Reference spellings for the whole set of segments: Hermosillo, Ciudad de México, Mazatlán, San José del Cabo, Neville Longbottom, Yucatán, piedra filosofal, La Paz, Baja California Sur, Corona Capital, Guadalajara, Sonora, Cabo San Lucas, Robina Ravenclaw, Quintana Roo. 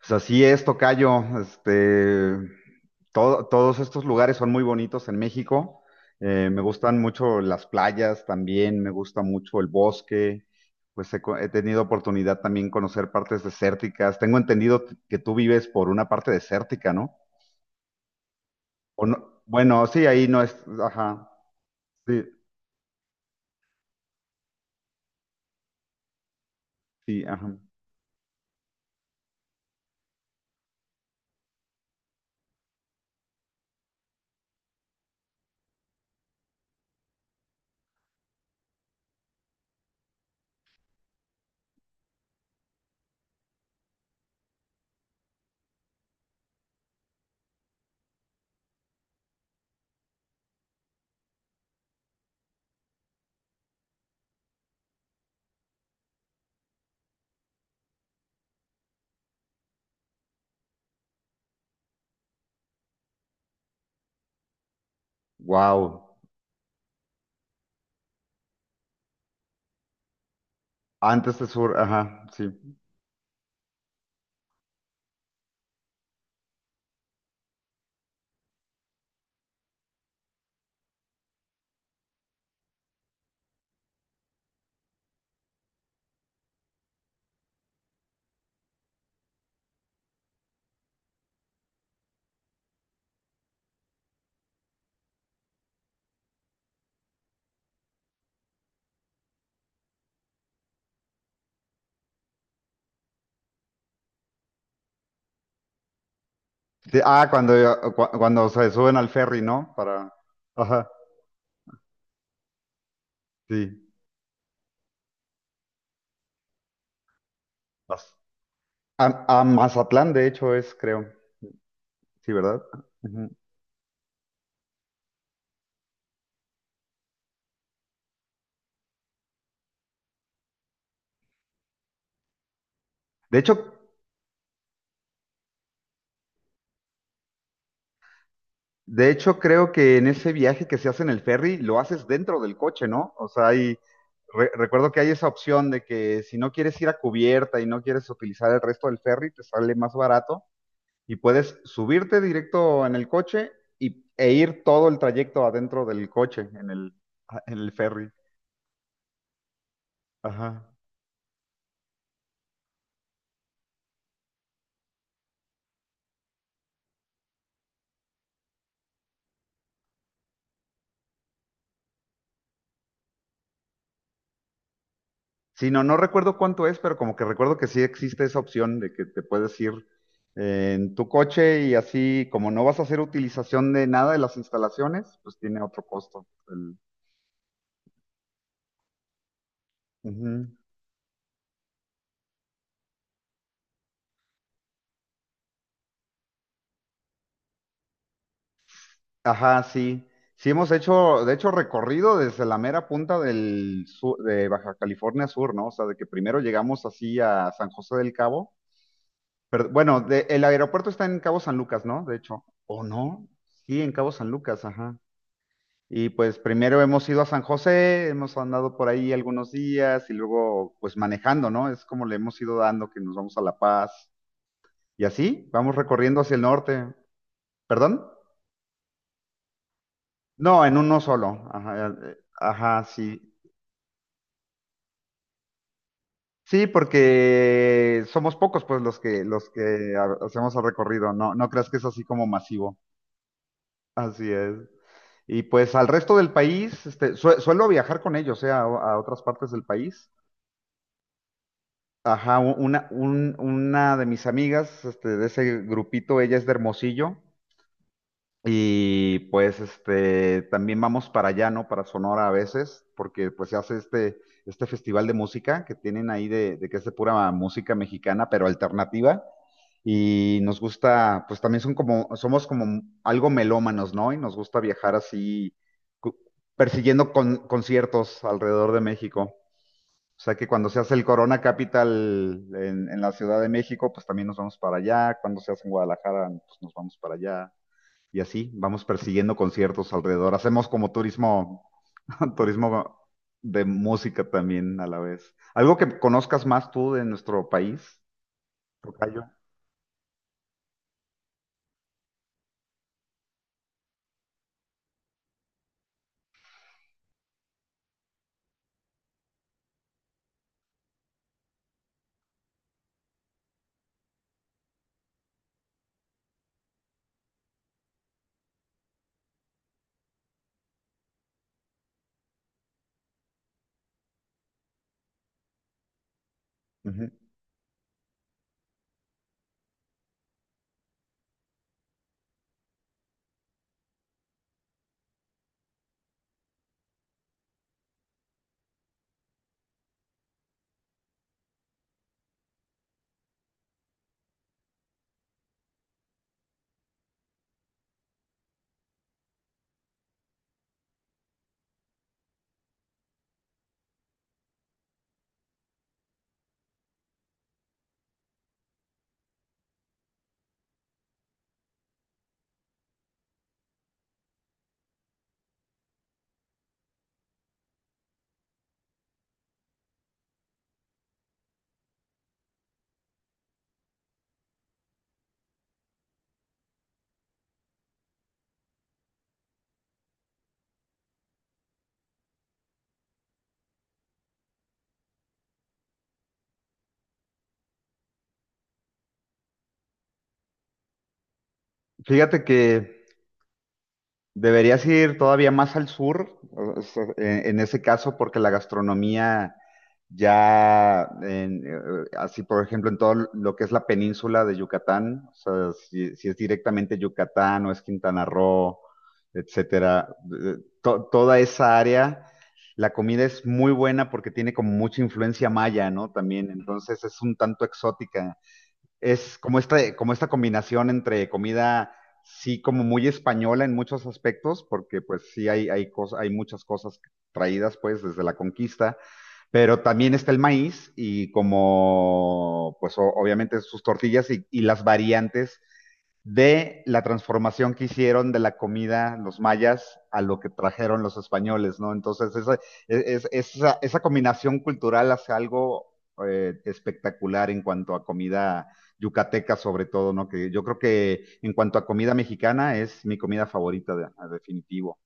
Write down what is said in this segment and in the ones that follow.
Pues así es, tocayo. Todos estos lugares son muy bonitos en México. Me gustan mucho las playas también, me gusta mucho el bosque. He tenido oportunidad también conocer partes desérticas. Tengo entendido que tú vives por una parte desértica, ¿no? O no, bueno, sí, ahí no es, ajá, sí, sí, ajá. Wow. Antes de sur, ajá, sí. Sí, ah, cuando se suben al ferry, ¿no? Para, ajá, sí. A, a Mazatlán, de hecho, es, creo. Sí, ¿verdad? Ujú. De hecho, de hecho, creo que en ese viaje que se hace en el ferry, lo haces dentro del coche, ¿no? O sea, hay, recuerdo que hay esa opción de que si no quieres ir a cubierta y no quieres utilizar el resto del ferry, te sale más barato y puedes subirte directo en el coche y, e ir todo el trayecto adentro del coche, en el ferry. Ajá. Sí, no, no recuerdo cuánto es, pero como que recuerdo que sí existe esa opción de que te puedes ir en tu coche y así, como no vas a hacer utilización de nada de las instalaciones, pues tiene otro costo. El- Ujú. Ajá, sí. Sí hemos hecho, de hecho, recorrido desde la mera punta de Baja California Sur, ¿no? O sea, de que primero llegamos así a San José del Cabo. Pero, bueno, de- el aeropuerto está en Cabo San Lucas, ¿no? De hecho. ¿O no? Sí, en Cabo San Lucas, ajá. Y pues primero hemos ido a San José, hemos andado por ahí algunos días y luego pues manejando, ¿no? Es como le hemos ido dando que nos vamos a La Paz y así vamos recorriendo hacia el norte. ¿Perdón? No, en uno solo. Ajá, sí. Sí, porque somos pocos pues hacemos el recorrido. No, no creas que es así como masivo. Así es. Y pues al resto del país, suelo viajar con ellos, a otras partes del país. Una de mis amigas, este, de ese grupito, ella es de Hermosillo y pues este, también vamos para allá, ¿no? Para Sonora a veces, porque pues se hace este festival de música que tienen ahí de que es de pura música mexicana, pero alternativa. Y nos gusta, pues también son como, somos como algo melómanos, ¿no? Y nos gusta viajar así, cu- persiguiendo conciertos alrededor de México. O sea que cuando se hace el Corona Capital en la Ciudad de México, pues también nos vamos para allá. Cuando se hace en Guadalajara, pues nos vamos para allá. Y así vamos persiguiendo conciertos alrededor. Hacemos como turismo, turismo de música también a la vez. Algo que conozcas más tú de nuestro país, tocayo. Ujú. Fíjate que deberías ir todavía más al sur, sea, en ese caso, porque la gastronomía ya, así por ejemplo, en todo lo que es la península de Yucatán, o sea, si es directamente Yucatán o es Quintana Roo, etcétera, eh, toda esa área, la comida es muy buena porque tiene como mucha influencia maya, ¿no? También, entonces es un tanto exótica, es como esta combinación entre comida, sí, como muy española en muchos aspectos, porque pues sí hay muchas cosas traídas pues desde la conquista, pero también está el maíz y como pues obviamente sus tortillas y las variantes de la transformación que hicieron de la comida los mayas a lo que trajeron los españoles, ¿no? Entonces, esa, e, es- esa combinación cultural hace algo espectacular en cuanto a comida yucateca, sobre todo, ¿no? Que yo creo que en cuanto a comida mexicana es mi comida favorita, de- a definitivo.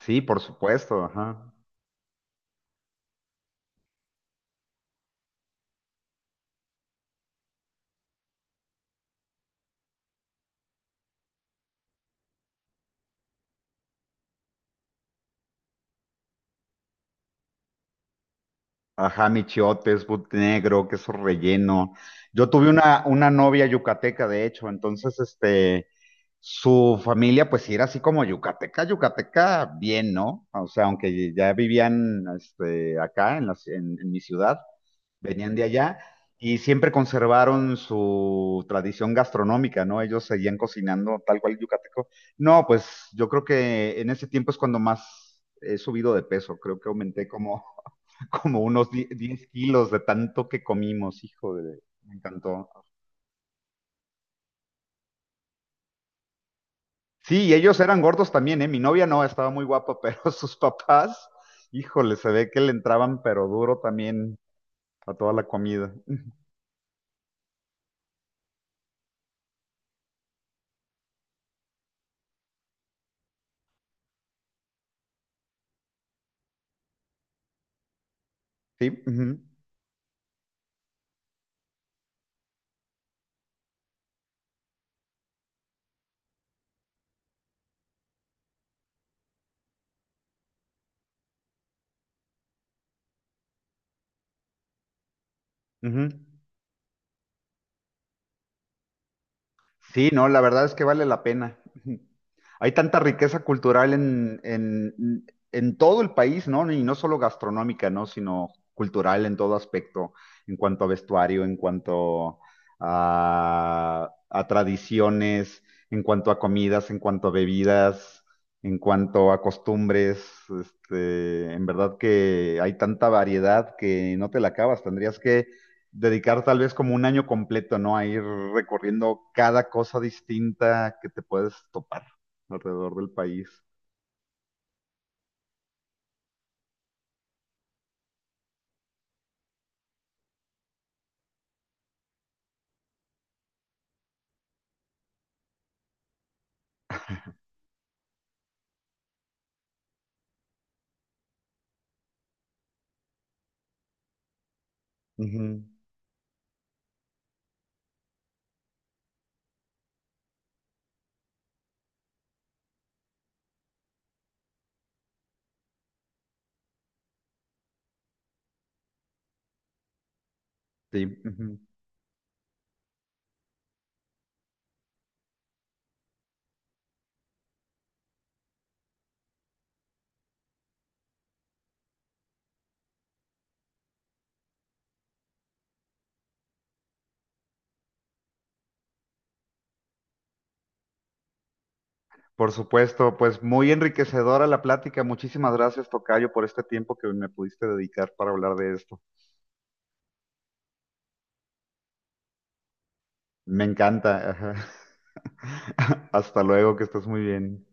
Sí, por supuesto, ajá. Ajá, mi but negro, queso relleno. Yo tuve una novia yucateca, de hecho, entonces, este, su familia, pues sí era así como yucateca, yucateca, bien, ¿no? O sea, aunque ya vivían, este, acá en en mi ciudad, venían de allá y siempre conservaron su tradición gastronómica, ¿no? Ellos seguían cocinando tal cual yucateco. No, pues yo creo que en ese tiempo es cuando más he subido de peso, creo que aumenté como unos 10 kilos de tanto que comimos, hijo de... Me encantó. Sí, y ellos eran gordos también, ¿eh? Mi novia no, estaba muy guapa, pero sus papás, híjole, se ve que le entraban pero duro también a toda la comida. Sí. Uh -huh, uh -huh. Sí, no, la verdad es que vale la pena. Hay tanta riqueza cultural en todo el país, ¿no? Y no solo gastronómica, ¿no? Sino cultural en todo aspecto, en cuanto a vestuario, en cuanto a tradiciones, en cuanto a comidas, en cuanto a bebidas, en cuanto a costumbres. Este, en verdad que hay tanta variedad que no te la acabas. Tendrías que dedicar tal vez como un año completo, ¿no? A ir recorriendo cada cosa distinta que te puedes topar alrededor del país. Ujú. Sí. Ujú. Por supuesto, pues muy enriquecedora la plática. Muchísimas gracias, tocayo, por este tiempo que me pudiste dedicar para hablar de esto. Me encanta, ajá. Hasta luego, que estés muy bien.